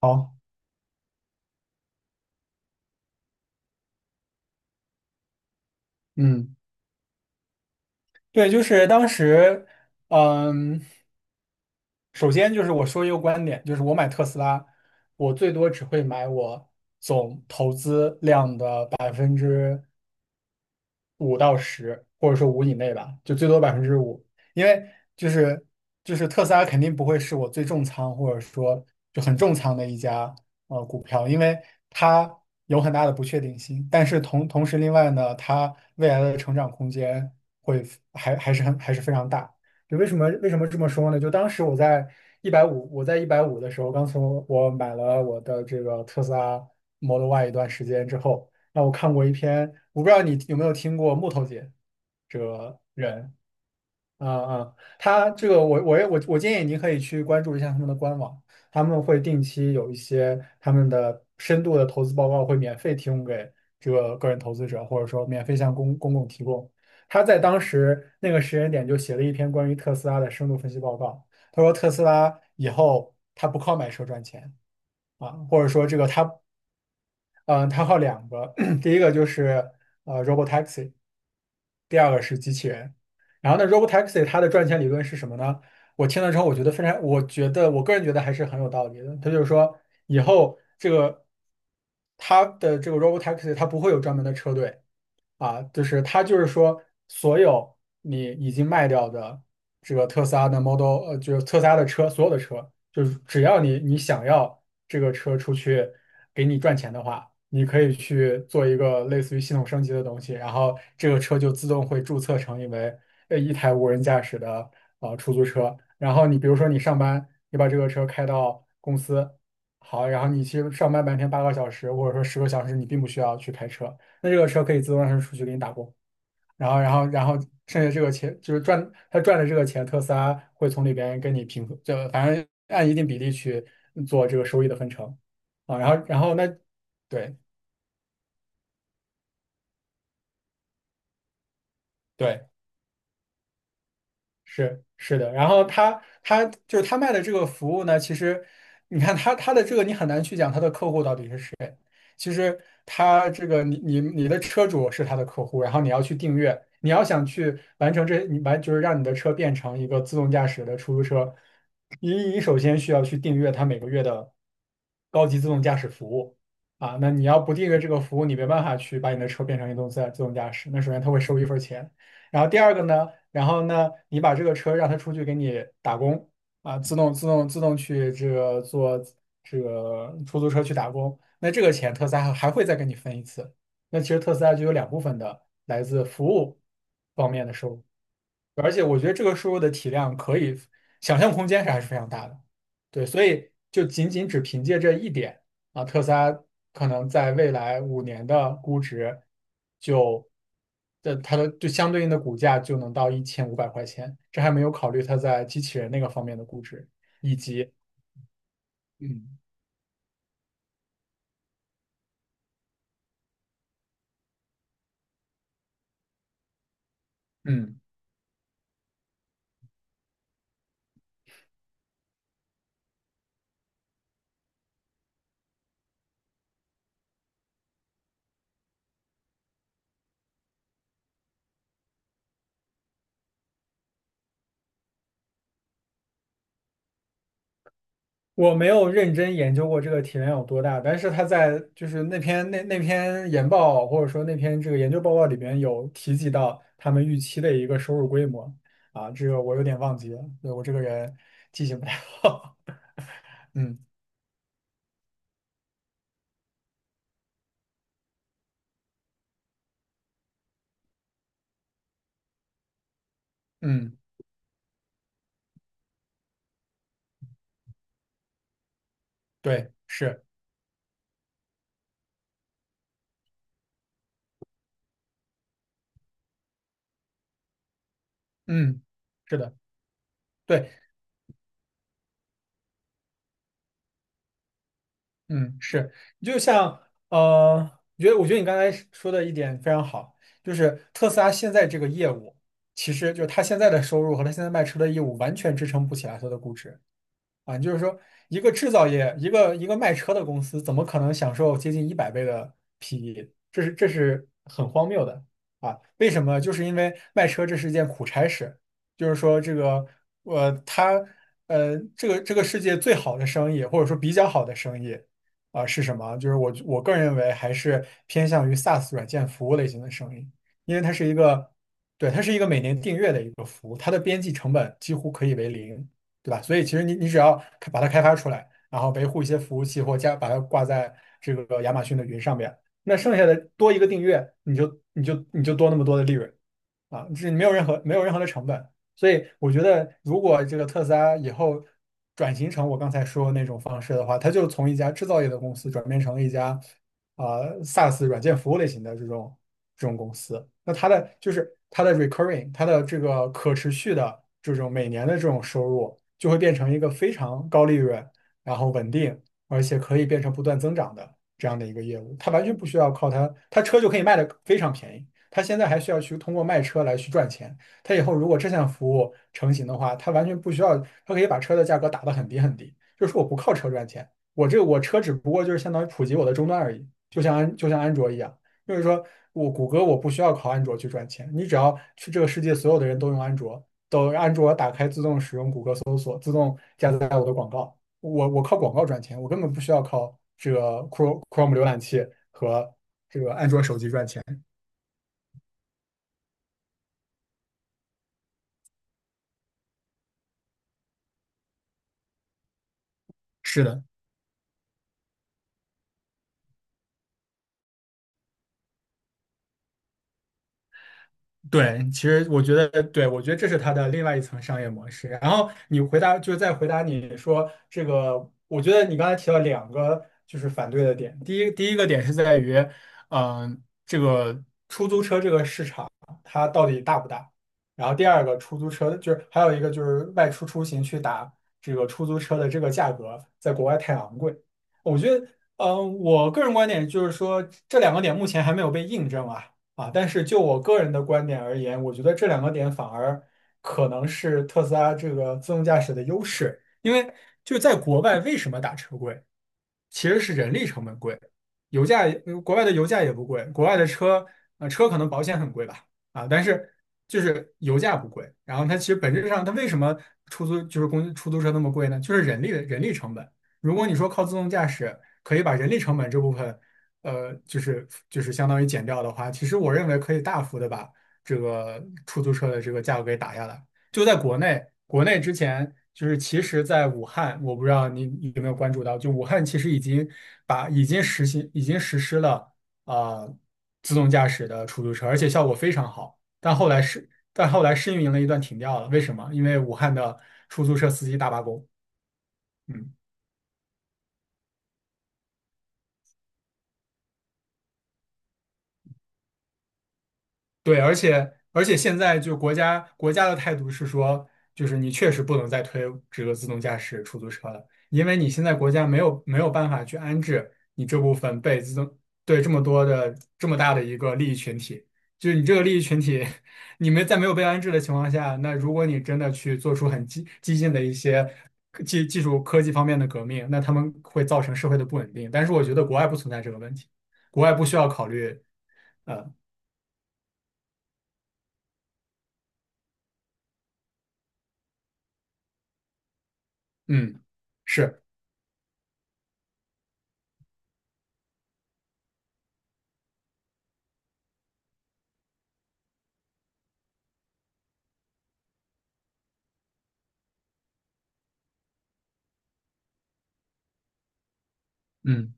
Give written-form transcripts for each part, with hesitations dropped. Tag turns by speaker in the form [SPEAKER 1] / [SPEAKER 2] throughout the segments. [SPEAKER 1] 好，嗯，对，就是当时，嗯，首先就是我说一个观点，就是我买特斯拉，我最多只会买我总投资量的5%到10%，或者说五以内吧，就最多百分之五，因为就是就是特斯拉肯定不会是我最重仓或者说就很重仓的一家股票，因为它有很大的不确定性。但是同时，另外呢，它未来的成长空间会还是非常大。就为什么这么说呢？就当时我在一百五，我在一百五的时候，刚从我买了我的这个特斯拉 Model Y 一段时间之后，那我看过一篇，我不知道你有没有听过木头姐这个人，啊，他这个我也我建议你可以去关注一下他们的官网，他们会定期有一些他们的深度的投资报告会免费提供给这个个人投资者，或者说免费向公共提供。他在当时那个时间点就写了一篇关于特斯拉的深度分析报告，他说特斯拉以后他不靠买车赚钱啊，或者说这个他他靠两个，第一个就是Robotaxi。第二个是机器人。然后呢，Robotaxi 它的赚钱理论是什么呢？我听了之后，我觉得非常，我觉得我个人觉得还是很有道理的。它就是说，以后这个它的这个 Robotaxi 它不会有专门的车队，啊，就是它就是说，所有你已经卖掉的这个特斯拉的 Model，就是特斯拉的车，所有的车，就是只要你想要这个车出去给你赚钱的话，你可以去做一个类似于系统升级的东西，然后这个车就自动会注册成一为一台无人驾驶的出租车。然后你比如说你上班，你把这个车开到公司，好，然后你其实上班白天8个小时或者说10个小时，你并不需要去开车。那这个车可以自动让它出去给你打工，然后剩下这个钱就是赚，他赚的这个钱，特斯拉会从里边跟你平分，就反正按一定比例去做这个收益的分成啊。然后那对对，是是的，然后他就是他卖的这个服务呢，其实你看他的这个你很难去讲他的客户到底是谁。其实他这个你的车主是他的客户，然后你要去订阅，你要想去完成这你完就是让你的车变成一个自动驾驶的出租车，你首先需要去订阅他每个月的高级自动驾驶服务啊。那你要不订阅这个服务，你没办法去把你的车变成一动自自动驾驶，那首先他会收一份钱。然后第二个呢？然后呢，你把这个车让他出去给你打工啊，自动去这个坐这个出租车去打工，那这个钱特斯拉还会再给你分一次。那其实特斯拉就有两部分的来自服务方面的收入。而且我觉得这个输入的体量可以想象空间是还是非常大的，对，所以就仅仅只凭借这一点啊，特斯拉可能在未来5年的估值就的它的就相对应的股价就能到1500块钱，这还没有考虑它在机器人那个方面的估值以及嗯嗯。我没有认真研究过这个体量有多大，但是他在就是那篇研报或者说那篇这个研究报告里边有提及到他们预期的一个收入规模啊，这个我有点忘记了，对，我这个人记性不太好。嗯嗯，对，是，嗯，是的，对，嗯，是，就像我觉得你刚才说的一点非常好，就是特斯拉现在这个业务，其实就是它现在的收入和它现在卖车的业务完全支撑不起来它的估值。啊，就是说，一个制造业，一个卖车的公司，怎么可能享受接近100倍的 PE？这是很荒谬的啊！为什么？就是因为卖车这是一件苦差事，就是说这个，它，这个世界最好的生意，或者说比较好的生意，啊、是什么？就是我个人认为还是偏向于 SaaS 软件服务类型的生意，因为它是一个，对，它是一个每年订阅的一个服务，它的边际成本几乎可以为零。对吧？所以其实你只要开把它开发出来，然后维护一些服务器或加把它挂在这个亚马逊的云上面，那剩下的多一个订阅，你就多那么多的利润。啊，是没有任何的成本，所以我觉得，如果这个特斯拉以后转型成我刚才说的那种方式的话，它就从一家制造业的公司转变成了一家啊、SaaS 软件服务类型的这种公司，那它的就是它的 recurring，它的这个可持续的这种每年的这种收入，就会变成一个非常高利润，然后稳定，而且可以变成不断增长的这样的一个业务，它完全不需要靠它，它车就可以卖的非常便宜。他现在还需要去通过卖车来去赚钱。他以后如果这项服务成型的话，他完全不需要，他可以把车的价格打得很低很低，就是我不靠车赚钱，我这我车只不过就是相当于普及我的终端而已，就像安卓一样，就是说我谷歌我不需要靠安卓去赚钱，你只要去这个世界所有的人都用安卓，都安卓打开自动使用谷歌搜索，自动加载我的广告，我靠广告赚钱，我根本不需要靠这个 Chrome 浏览器和这个安卓手机赚钱。是的。对，其实我觉得，对，我觉得这是它的另外一层商业模式。然后你回答，就是再回答你说这个，我觉得你刚才提到两个就是反对的点。第一，第一个点是在于，这个出租车这个市场它到底大不大？然后第二个，出租车就是还有一个就是外出出行去打这个出租车的这个价格，在国外太昂贵。我觉得，我个人观点就是说，这两个点目前还没有被印证啊。啊，但是就我个人的观点而言，我觉得这两个点反而可能是特斯拉这个自动驾驶的优势，因为就在国外为什么打车贵，其实是人力成本贵，油价也国外的油价也不贵，国外的车车可能保险很贵吧，啊，但是就是油价不贵，然后它其实本质上它为什么出租就是公出租车那么贵呢？就是人力成本。如果你说靠自动驾驶可以把人力成本这部分就是相当于减掉的话，其实我认为可以大幅的把这个出租车的这个价格给打下来。就在国内，国内之前就是其实，在武汉，我不知道你有没有关注到，就武汉其实已经把已经实行已经实施了啊、呃自动驾驶的出租车，而且效果非常好。但后来试运营了一段停掉了，为什么？因为武汉的出租车司机大罢工。嗯。对，而且现在就国家的态度是说，就是你确实不能再推这个自动驾驶出租车了，因为你现在国家没有办法去安置你这部分被自动对这么多的这么大的一个利益群体，就是你这个利益群体，你们在没有被安置的情况下，那如果你真的去做出很激进的一些技术科技方面的革命，那他们会造成社会的不稳定。但是我觉得国外不存在这个问题，国外不需要考虑。呃，嗯。是。嗯。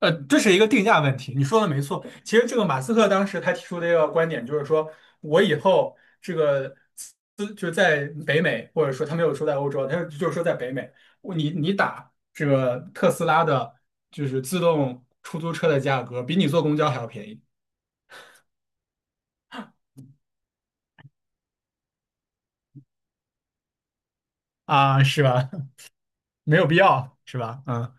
[SPEAKER 1] 这是一个定价问题，你说的没错。其实这个马斯克当时他提出的一个观点就是说，我以后这个资就是在北美，或者说他没有说在欧洲，他就是说在北美，我你打这个特斯拉的，就是自动出租车的价格，比你坐公交还要便宜。啊，是吧？没有必要，是吧？嗯。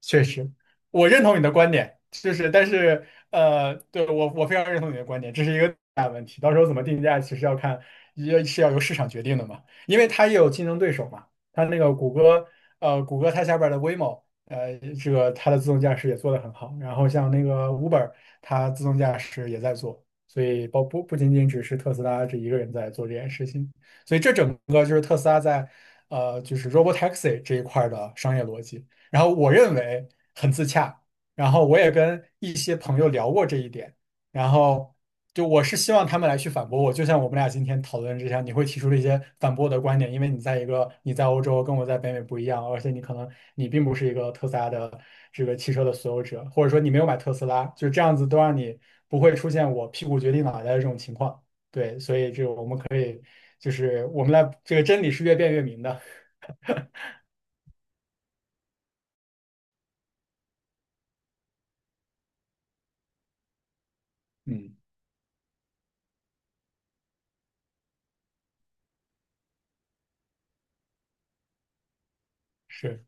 [SPEAKER 1] 确实，我认同你的观点，就是但是对，我非常认同你的观点，这是一个大问题。到时候怎么定价，其实要看也是要由市场决定的嘛，因为它也有竞争对手嘛。它那个谷歌，谷歌它下边儿的 Waymo，这个它的自动驾驶也做得很好。然后像那个 Uber，它自动驾驶也在做，所以包不仅仅只是特斯拉这一个人在做这件事情。所以这整个就是特斯拉在就是 Robotaxi 这一块儿的商业逻辑。然后我认为很自洽，然后我也跟一些朋友聊过这一点，然后就我是希望他们来去反驳我，就像我们俩今天讨论之下，你会提出了一些反驳我的观点，因为你在欧洲跟我在北美不一样，而且你可能你并不是一个特斯拉的这个汽车的所有者，或者说你没有买特斯拉，就这样子都让你不会出现我屁股决定脑袋的这种情况。对，所以这个我们可以就是我们来这个真理是越辩越明的，嗯，是。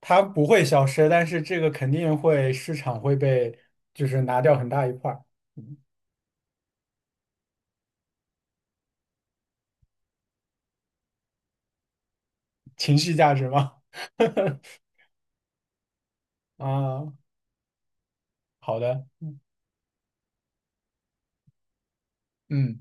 [SPEAKER 1] 它不会消失，但是这个肯定会市场会被就是拿掉很大一块儿情绪价值嘛。啊，好的，嗯。